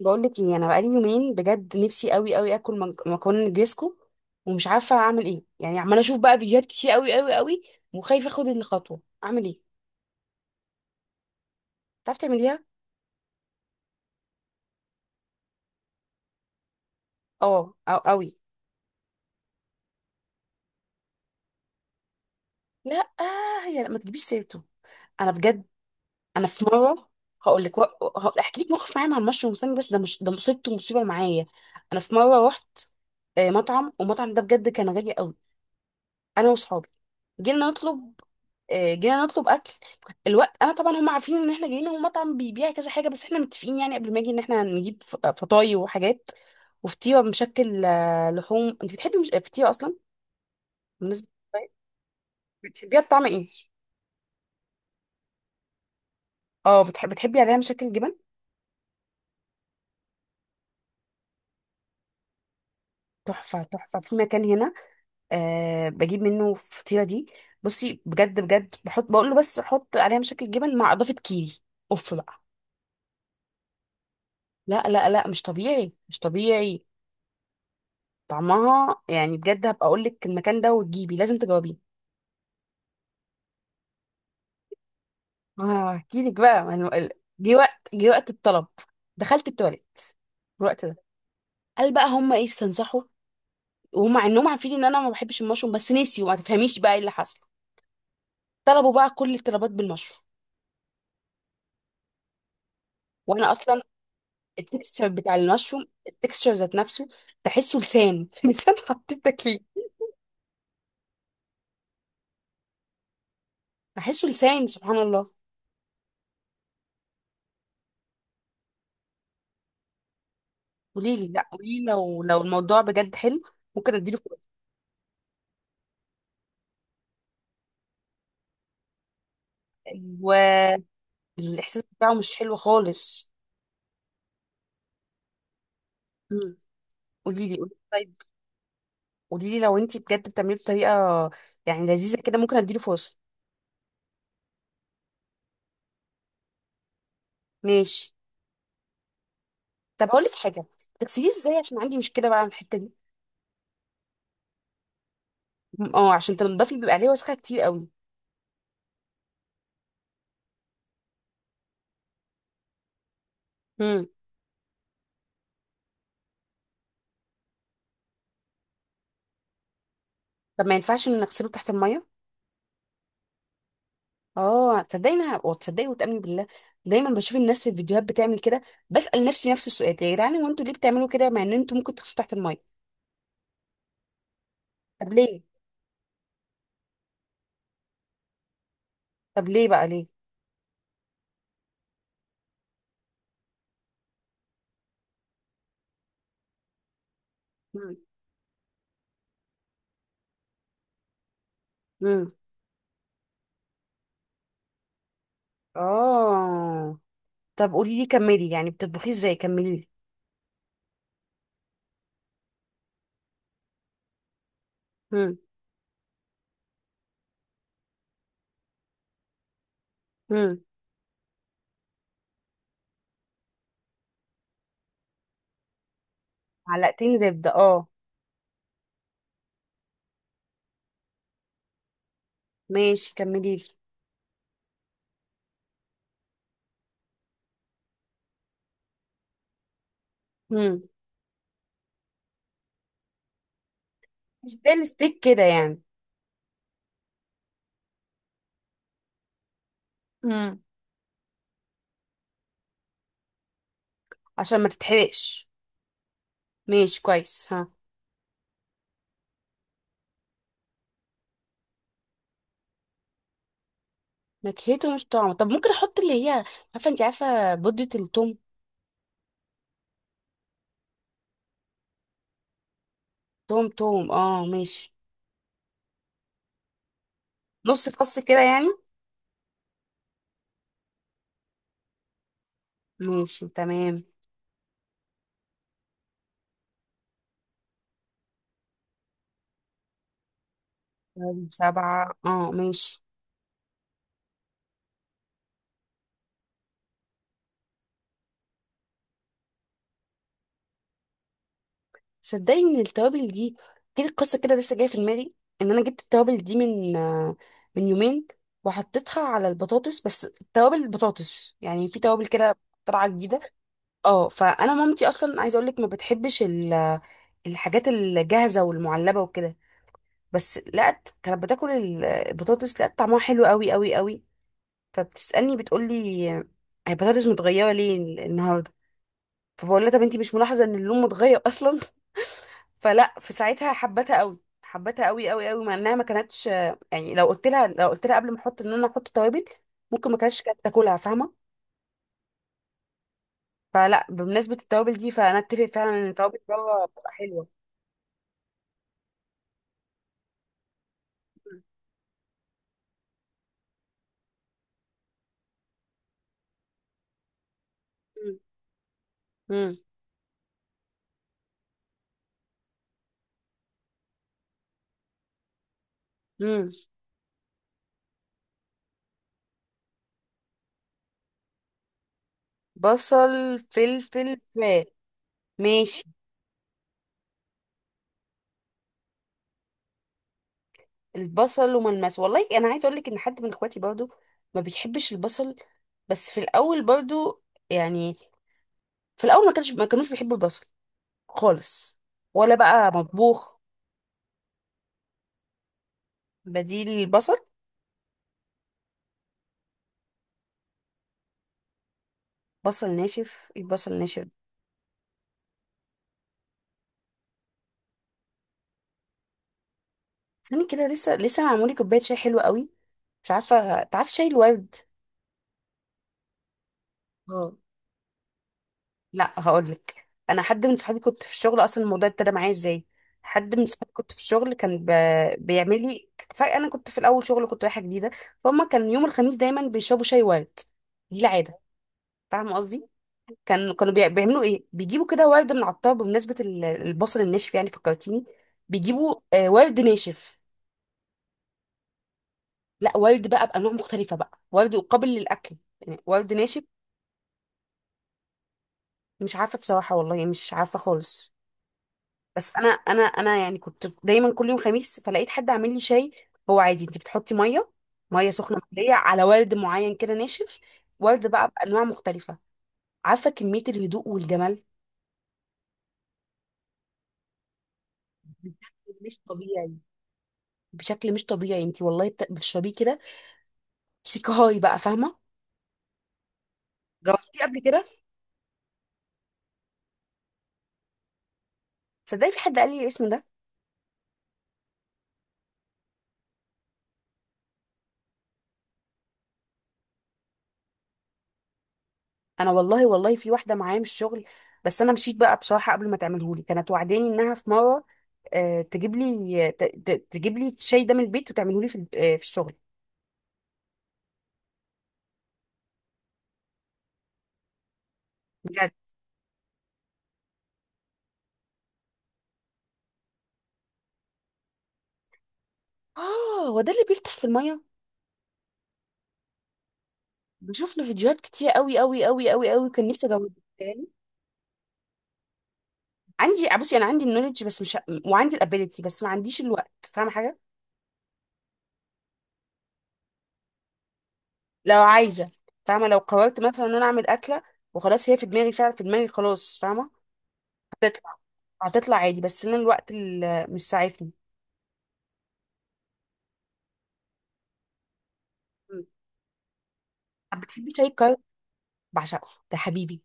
بقول لك ايه، انا بقالي يومين بجد نفسي قوي قوي اكل مكرونه نجريسكو، ومش عارفه اعمل ايه. يعني عماله اشوف بقى فيديوهات كتير قوي قوي قوي، وخايفه اخد الخطوه. اعمل ايه؟ تعرفي تعمليها؟ اه، او قوي. لا، آه، يا لا، ما تجيبيش سيرته. انا بجد، انا في مره، هقول لك، احكي لك موقف معايا مع المشروم. استني بس، ده مش ده مصيبته، مصيبه معايا. انا في مره رحت مطعم، والمطعم ده بجد كان غالي قوي. انا وصحابي جينا نطلب، جينا نطلب اكل الوقت. انا طبعا هم عارفين ان احنا جايين، هو مطعم بيبيع كذا حاجه، بس احنا متفقين يعني قبل ما اجي ان احنا هنجيب فطاي وحاجات. وفطيره مشكل لحوم. انت بتحبي مش... فطيره اصلا؟ بالنسبه للفطاي، بتحبيها بطعم ايه؟ اه، بتحبي عليها مشكل جبن. تحفه، تحفه، في مكان هنا أه بجيب منه الفطيره دي. بصي بجد بجد بحط، بقول له بس حط عليها مشكل جبن مع اضافه كيري، اوف بقى. لا لا لا، مش طبيعي، مش طبيعي طعمها. يعني بجد هبقى اقول لك المكان ده وتجيبي، لازم تجاوبيه. ما هحكي لك بقى ما أنا- ال- جه وقت الطلب، دخلت التواليت الوقت ده. قال بقى هم ايه استنصحوا، ومع انهم عارفين ان انا ما بحبش المشروم، بس نسيوا. ما تفهميش بقى ايه اللي حصل، طلبوا بقى كل الطلبات بالمشروم. وانا اصلا التكستشر بتاع المشروم، التكستشر ذات نفسه بحسه لسان لسان حطيت تاكليه، بحسه لسان، سبحان الله. قولي لي، لا قولي لي، لو الموضوع بجد حلو، ممكن اديله فرصة. الاحساس بتاعه مش حلو خالص. امم، قولي لي، قولي لي طيب. قولي لي لو انت بجد بتعمليه بطريقه يعني لذيذه كده، ممكن اديله فرصه. ماشي. طب اقول لك حاجه، تغسليه ازاي؟ عشان عندي مشكله بقى من الحته دي. اه، عشان تنضفي بيبقى عليه وسخه كتير قوي. امم. طب ما ينفعش ان نغسله تحت الميه؟ اه، تصدقيني وتصدقي وتامني بالله، دايما بشوف الناس في الفيديوهات بتعمل كده. بسال نفسي نفس السؤال: يا جدعان، هو انتوا ليه بتعملوا كده مع ان انتوا ممكن تغسلوا تحت الميه؟ طب ليه؟ طب ليه بقى ليه؟ امم. امم. اه. طب قولي لي كملي، يعني بتطبخيه ازاي؟ كملي لي. هم. هم. معلقتين زبدة اه، ماشي كملي لي. هم. مش ده الستيك كده يعني؟ مم. عشان ما تتحرقش. ماشي كويس. ها، نكهته مش طعمه. طب ممكن احط اللي هي، عارفه انت، عارفه بودة التوم؟ توم توم اه، ماشي. نص فص كده يعني؟ ماشي، تمام. طيب، 7 اه، ماشي. صدقني ان التوابل دي، جيت القصه كده لسه جايه في دماغي، ان انا جبت التوابل دي من من يومين، وحطيتها على البطاطس بس. توابل البطاطس يعني، في توابل كده طالعه جديده. اه، فانا مامتي اصلا، عايزه اقول لك، ما بتحبش الحاجات الجاهزه والمعلبه وكده. بس لقت كانت بتاكل البطاطس، لقت طعمها حلو قوي قوي قوي. فبتسالني، بتقول لي: البطاطس متغيره ليه النهارده؟ فبقول لها: طب انتي مش ملاحظه ان اللون متغير اصلا؟ فلا، في ساعتها حبتها قوي، حبتها قوي قوي قوي مع انها ما كانتش. يعني لو قلت لها، لو قلت لها قبل ما احط، ان انا احط توابل، ممكن ما كانتش كانت تاكلها، فاهمه. فلا، بمناسبه التوابل دي، فانا اتفق فعلا ان التوابل بره بتبقى حلوه. امم. امم. بصل، فلفل، فلفل. ماشي. البصل وملمس، والله انا عايزه اقول لك ان حد من اخواتي برضو ما بيحبش البصل، بس في الاول برضو يعني، في الاول ما كانوش بيحبوا البصل خالص، ولا بقى مطبوخ. بديل البصل، بصل ناشف، البصل ناشف. ثاني كده لسه معمولي كوبايه شاي حلوه قوي. مش عارفه، تعرف شاي الورد؟ اه، لا هقول لك. انا حد من صحابي كنت في الشغل، اصلا الموضوع ابتدى معايا ازاي، حد من صحابي كنت في الشغل كان بيعمل لي. فانا كنت في الاول شغل، كنت رايحه جديده، فهم كان يوم الخميس دايما بيشربوا شاي ورد، دي العاده. فاهمه قصدي، كانوا بيعملوا ايه، بيجيبوا كده ورد من العطار. بمناسبه البصل الناشف يعني فكرتيني. بيجيبوا ورد ناشف. لا، ورد بقى بانواع مختلفه، بقى ورد قابل للاكل يعني، ورد ناشف. مش عارفه بصراحه والله، يعني مش عارفه خالص. بس انا، يعني كنت دايما كل يوم خميس، فلقيت حد عامل لي شاي. هو عادي، انت بتحطي ميه، ميه سخنه مغليه على ورد معين كده ناشف. ورد بقى بانواع مختلفه. عارفه كميه الهدوء والجمال، بشكل مش طبيعي، بشكل مش طبيعي. انت والله بتشربيه كده سيكهاي بقى، فاهمه؟ جوه، جربتيه قبل كده؟ تصدقي في حد قال لي الاسم ده. انا والله والله، في واحده معايا من الشغل، بس انا مشيت بقى بصراحه قبل ما تعمله لي. كانت وعداني انها في مره تجيب لي تجيب لي الشاي ده من البيت وتعمله لي في في الشغل. بجد. اه، هو ده اللي بيفتح في الميه. بشوف له فيديوهات كتير قوي قوي قوي قوي قوي، كان نفسي اجاوب تاني. عندي، بصي انا عندي النولج بس مش، وعندي الابيليتي بس ما عنديش الوقت، فاهمه حاجه؟ لو عايزه، فاهمه؟ لو قررت مثلا ان انا اعمل اكله، وخلاص هي في دماغي، فعلا في دماغي خلاص، فاهمه؟ تطلع، هتطلع عادي، بس انا الوقت اللي مش ساعفني. مم. طب بتحبي شاي الكرك؟ بعشقه، ده حبيبي.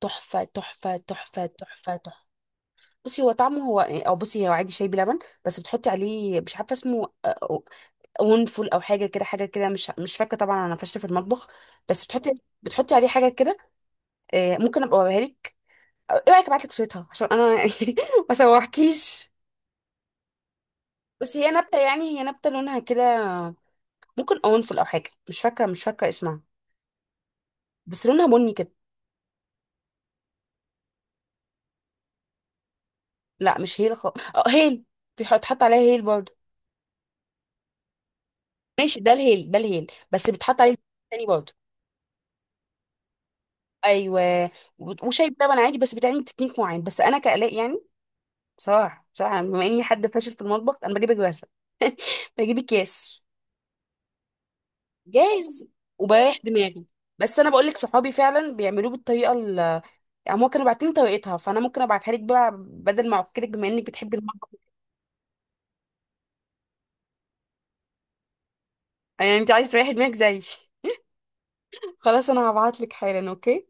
تحفه تحفه تحفه تحفه تحفه. بصي هو طعمه هو، او بصي، هو عادي شاي بلبن، بس بتحطي عليه، مش عارفه اسمه ونفول او حاجه كده، حاجه كده مش فاكره، طبعا انا فاشله في المطبخ، بس بتحطي عليه حاجه كده. ممكن ابقى اوريها لك. أو ايه رايك ابعت لك صورتها عشان انا ما سوحكيش. بس هي نبته، يعني هي نبته لونها كده، ممكن اونفول او حاجه، مش فاكره اسمها، بس لونها بني كده. لا مش هيل خالص. اه، هيل بيتحط عليها هيل برضه. ماشي، ده الهيل، ده الهيل بس بيتحط عليه تاني برضه. ايوه. وشاي بلبن عادي بس بيتعمل تكنيك معين، بس انا كالاء يعني بصراحه بما اني حد فاشل في المطبخ، انا بجيب جاهزه، بجيب اكياس جاهز وبريح دماغي. بس انا بقول لك صحابي فعلا بيعملوه بالطريقه ال، يعني هما كانوا باعتين طريقتها فانا ممكن ابعتها لك بقى بدل ما اعكلك بما انك بتحبي المطبخ. يعني انت عايز تريحي دماغك زيي خلاص، انا هبعت لك حالا. اوكي.